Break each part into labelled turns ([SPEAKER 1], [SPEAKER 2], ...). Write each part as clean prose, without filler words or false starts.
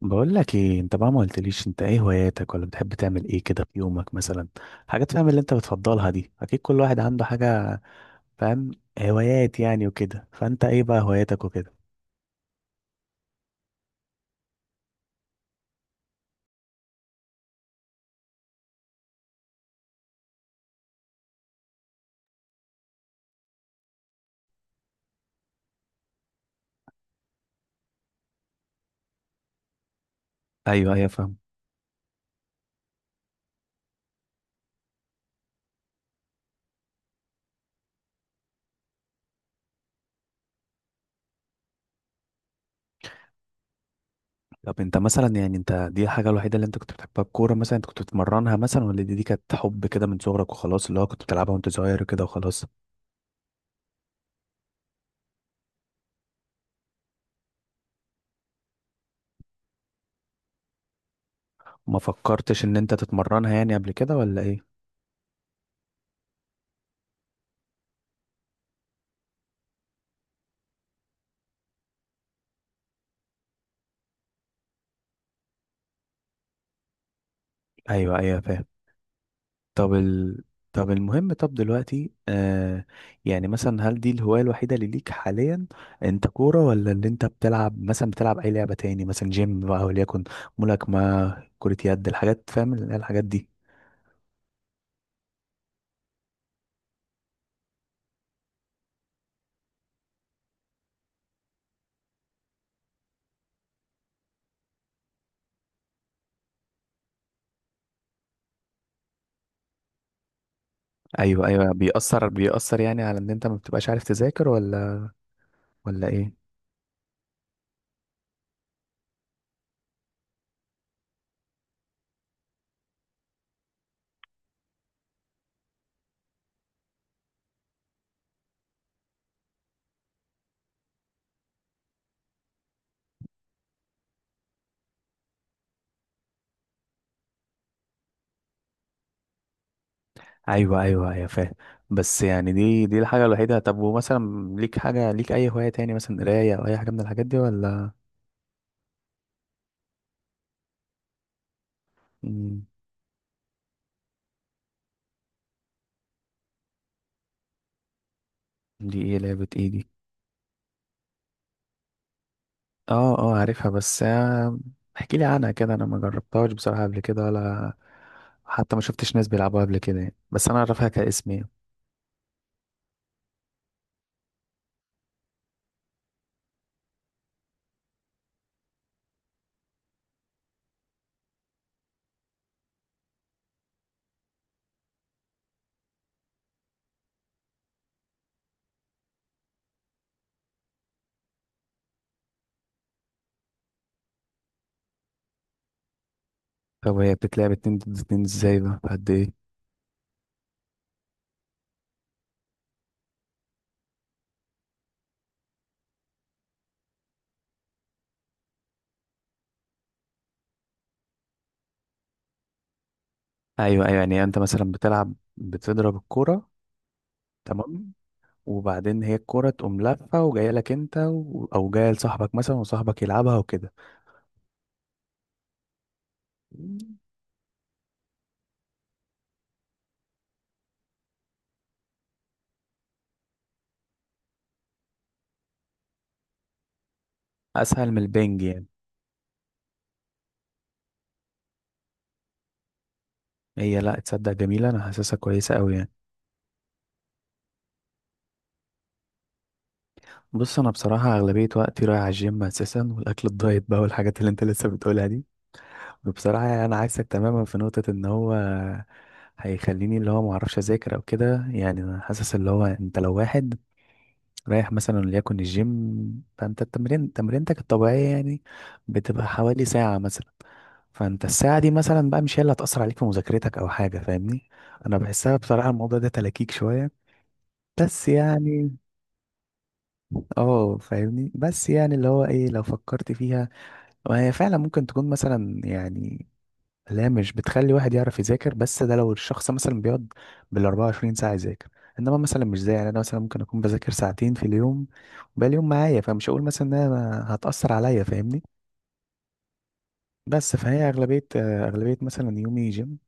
[SPEAKER 1] بقول لك ايه انت بقى ما قلتليش انت ايه هواياتك ولا بتحب تعمل ايه كده في يومك مثلا. حاجات فاهم اللي انت بتفضلها دي اكيد كل واحد عنده حاجة. فاهم هوايات يعني وكده فانت ايه بقى هواياتك وكده؟ ايوه ايوه فاهم. طب انت مثلا يعني انت دي الحاجه الوحيده اللي انت كنت بتحبها الكوره مثلا انت كنت بتمرنها مثلا ولا دي كانت حب كده من صغرك وخلاص اللي هو كنت بتلعبها وانت صغير كده وخلاص؟ ما فكرتش ان انت تتمرنها يعني قبل كده ولا ايه؟ ايوه ايوه فاهم. طب ال... طب المهم طب دلوقتي يعني مثلا هل دي الهواية الوحيدة اللي ليك حاليا؟ انت كورة ولا اللي انت بتلعب مثلا بتلعب اي لعبة تاني مثلا جيم بقى وليكن ملاكمة كرة يد الحاجات فاهم اللي هي الحاجات دي؟ ايوه ايوه، بيأثر بيأثر يعني على ان انت ما بتبقاش عارف تذاكر ولا ولا ايه؟ ايوه ايوه ايوه فاهم. بس يعني دي الحاجة الوحيدة؟ طب ومثلا ليك حاجة ليك اي هواية تاني مثلا قراية او اي حاجة من الحاجات دي ولا؟ مم، دي ايه، لعبة ايه دي؟ اه اه عارفها بس احكي لي عنها كده، انا ما جربتهاش بصراحة قبل كده ولا حتى ما شفتش ناس بيلعبوها قبل كده يعني. بس انا اعرفها كاسم يعني. طب هي بتتلعب اتنين ضد اتنين ازاي بقى؟ قد ايه؟ ايوه ايوه، يعني انت مثلا بتلعب بتضرب الكرة. تمام. وبعدين هي الكرة تقوم لافة وجاية لك انت او جاية لصاحبك مثلا وصاحبك يلعبها وكده؟ اسهل من البنج يعني؟ هي لا تصدق جميلة، انا حاسسها كويسة قوي يعني. بص انا بصراحه اغلبيه وقتي رايح على الجيم اساسا، والاكل الدايت بقى والحاجات اللي انت لسه بتقولها دي. وبصراحه يعني انا عايزك تماما في نقطه ان هو هيخليني اللي هو ما اعرفش اذاكر او كده. يعني انا حاسس اللي هو انت لو واحد رايح مثلا وليكن الجيم، فانت التمرين تمرينتك الطبيعيه يعني بتبقى حوالي ساعه مثلا. فانت الساعه دي مثلا بقى مش هي اللي هتاثر عليك في مذاكرتك او حاجه، فاهمني؟ انا بحسها بصراحه الموضوع ده تلكيك شويه. بس يعني اه فاهمني، بس يعني اللي هو ايه لو فكرت فيها وهي فعلا ممكن تكون مثلا يعني لا مش بتخلي واحد يعرف يذاكر، بس ده لو الشخص مثلا بيقعد بال 24 ساعة يذاكر. انما مثلا مش زي يعني انا مثلا ممكن اكون بذاكر ساعتين في اليوم وباقي اليوم معايا، فمش هقول مثلا انها هتأثر عليا، فاهمني؟ بس فهي اغلبية اغلبية مثلا يومي جيم.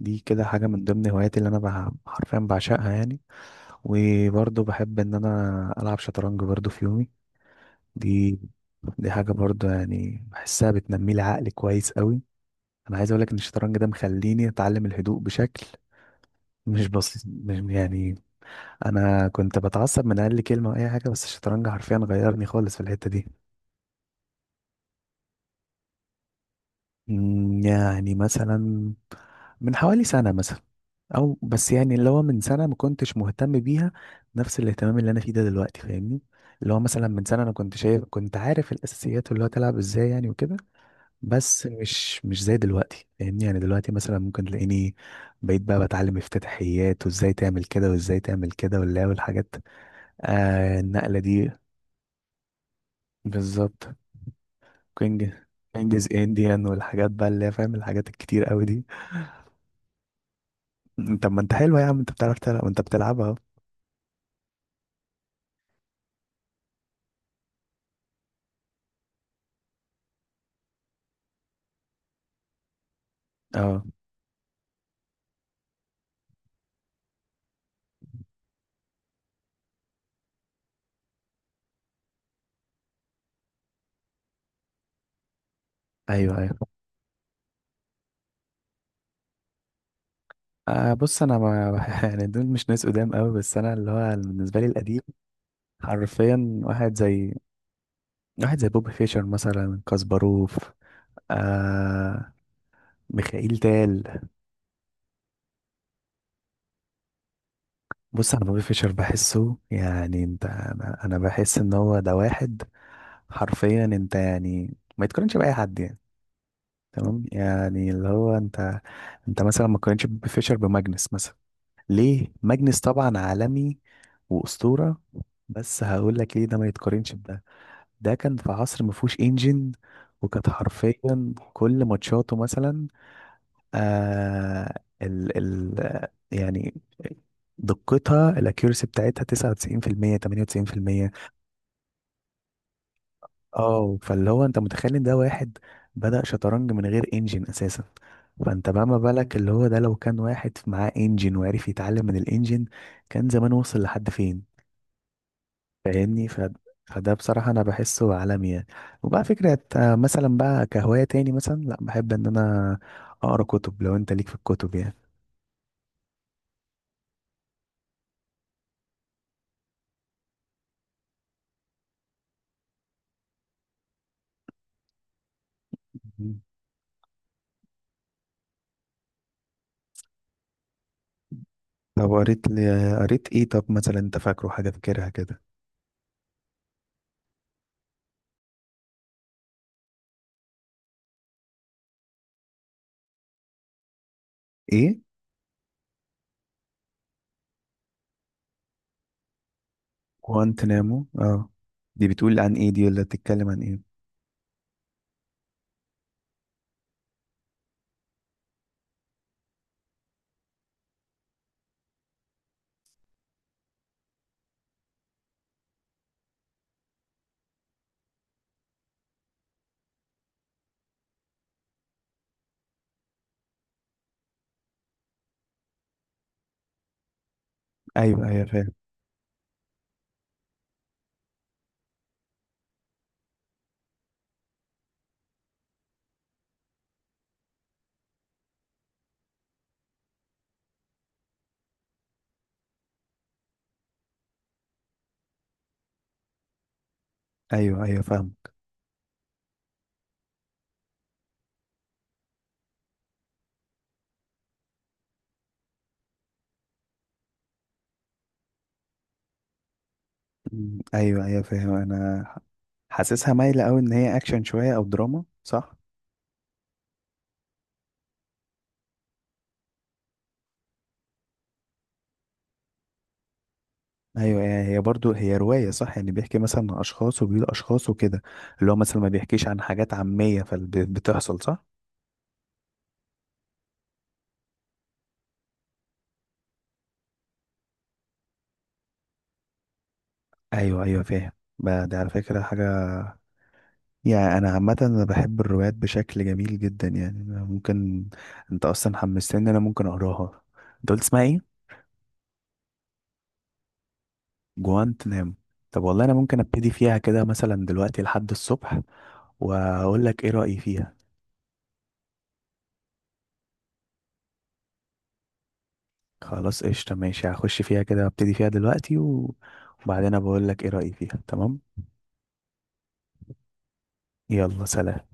[SPEAKER 1] دي كده حاجة من ضمن هواياتي اللي انا حرفيا بعشقها يعني. وبرضه بحب ان انا العب شطرنج برضه في يومي. دي دي حاجة برضو يعني بحسها بتنمي لي عقلي كويس قوي. انا عايز اقول لك ان الشطرنج ده مخليني اتعلم الهدوء بشكل مش بسيط، مش يعني انا كنت بتعصب من اقل كلمة او اي حاجة، بس الشطرنج حرفيا غيرني خالص في الحتة دي. يعني مثلا من حوالي سنة مثلا. او بس يعني اللي هو من سنة ما كنتش مهتم بيها نفس الاهتمام اللي انا فيه ده دلوقتي، فاهمني؟ اللي هو مثلا من سنة انا كنت شايف كنت عارف الاساسيات، اللي هو تلعب ازاي يعني وكده. بس مش زي دلوقتي، فاهمني؟ يعني دلوقتي مثلا ممكن تلاقيني بقيت بقى بتعلم افتتاحيات وازاي تعمل كده وازاي تعمل كده ولا والحاجات، آه النقلة دي. بالظبط. كوينج كوينجز انديان والحاجات بقى اللي هي فاهم الحاجات الكتير قوي دي. م، طب ما انت حلوة يا عم، انت بتعرف تلعب وانت بتلعبها اهو. اه، ايوه ايوه. آه بص انا ما يعني دول مش ناس قدام قوي، بس انا اللي هو بالنسبه لي القديم حرفيا واحد زي بوب فيشر مثلا، كاسباروف، آه، ميخائيل تال. بص انا بوبي فيشر بحسه يعني انت، انا بحس ان هو ده واحد حرفيا انت يعني ما يتقارنش باي حد يعني. تمام يعني اللي هو انت، انت مثلا ما تقارنش بوبي فيشر بماجنس مثلا. ليه ماجنس طبعا عالمي واسطوره، بس هقول لك ليه ده ما يتقارنش بده. ده كان في عصر ما فيهوش انجن، وكانت حرفيا كل ماتشاته مثلا، آه، ال يعني دقتها الاكيورسي بتاعتها 99% 98%. اه فاللي هو انت متخيل ان ده واحد بدأ شطرنج من غير انجن اساسا. فانت بقى ما بالك اللي هو ده لو كان واحد معاه انجن وعرف يتعلم من الانجن كان زمان وصل لحد فين؟ فاهمني؟ فده بصراحة أنا بحسه عالمي يعني. وبقى فكرة مثلا بقى كهواية تاني مثلا، لأ بحب إن أنا أقرأ كتب، لو أنت ليك في الكتب يعني. طب قريت لي قريت ايه؟ طب مثلا انت فاكره حاجة فاكرها كده؟ ايه جوانتنامو؟ اه، دي بتقول عن ايه دي، ولا بتتكلم عن ايه؟ ايوه ايوه فاهم. ايوه ايوه فاهمك. ايوه ايوه فاهم. انا حاسسها مايلة قوي ان هي اكشن شوية او دراما، صح؟ ايوه، هي برضو هي رواية صح يعني بيحكي مثلا عن اشخاص وبيقول اشخاص وكده، اللي هو مثلا ما بيحكيش عن حاجات عامية فبتحصل، صح؟ ايوه ايوه فاهم. بقى دي على فكرة حاجة يعني انا عامه انا بحب الروايات بشكل جميل جدا يعني. أنا ممكن، انت اصلا حمستني إن انا ممكن اقراها. انت قلت اسمها ايه؟ جوانت نام. طب والله انا ممكن ابتدي فيها كده مثلا دلوقتي لحد الصبح واقول لك ايه رايي فيها. خلاص قشطه ماشي، هخش فيها كده ابتدي فيها دلوقتي وبعدين بقول لك ايه رايي فيها، تمام. يلا سلام.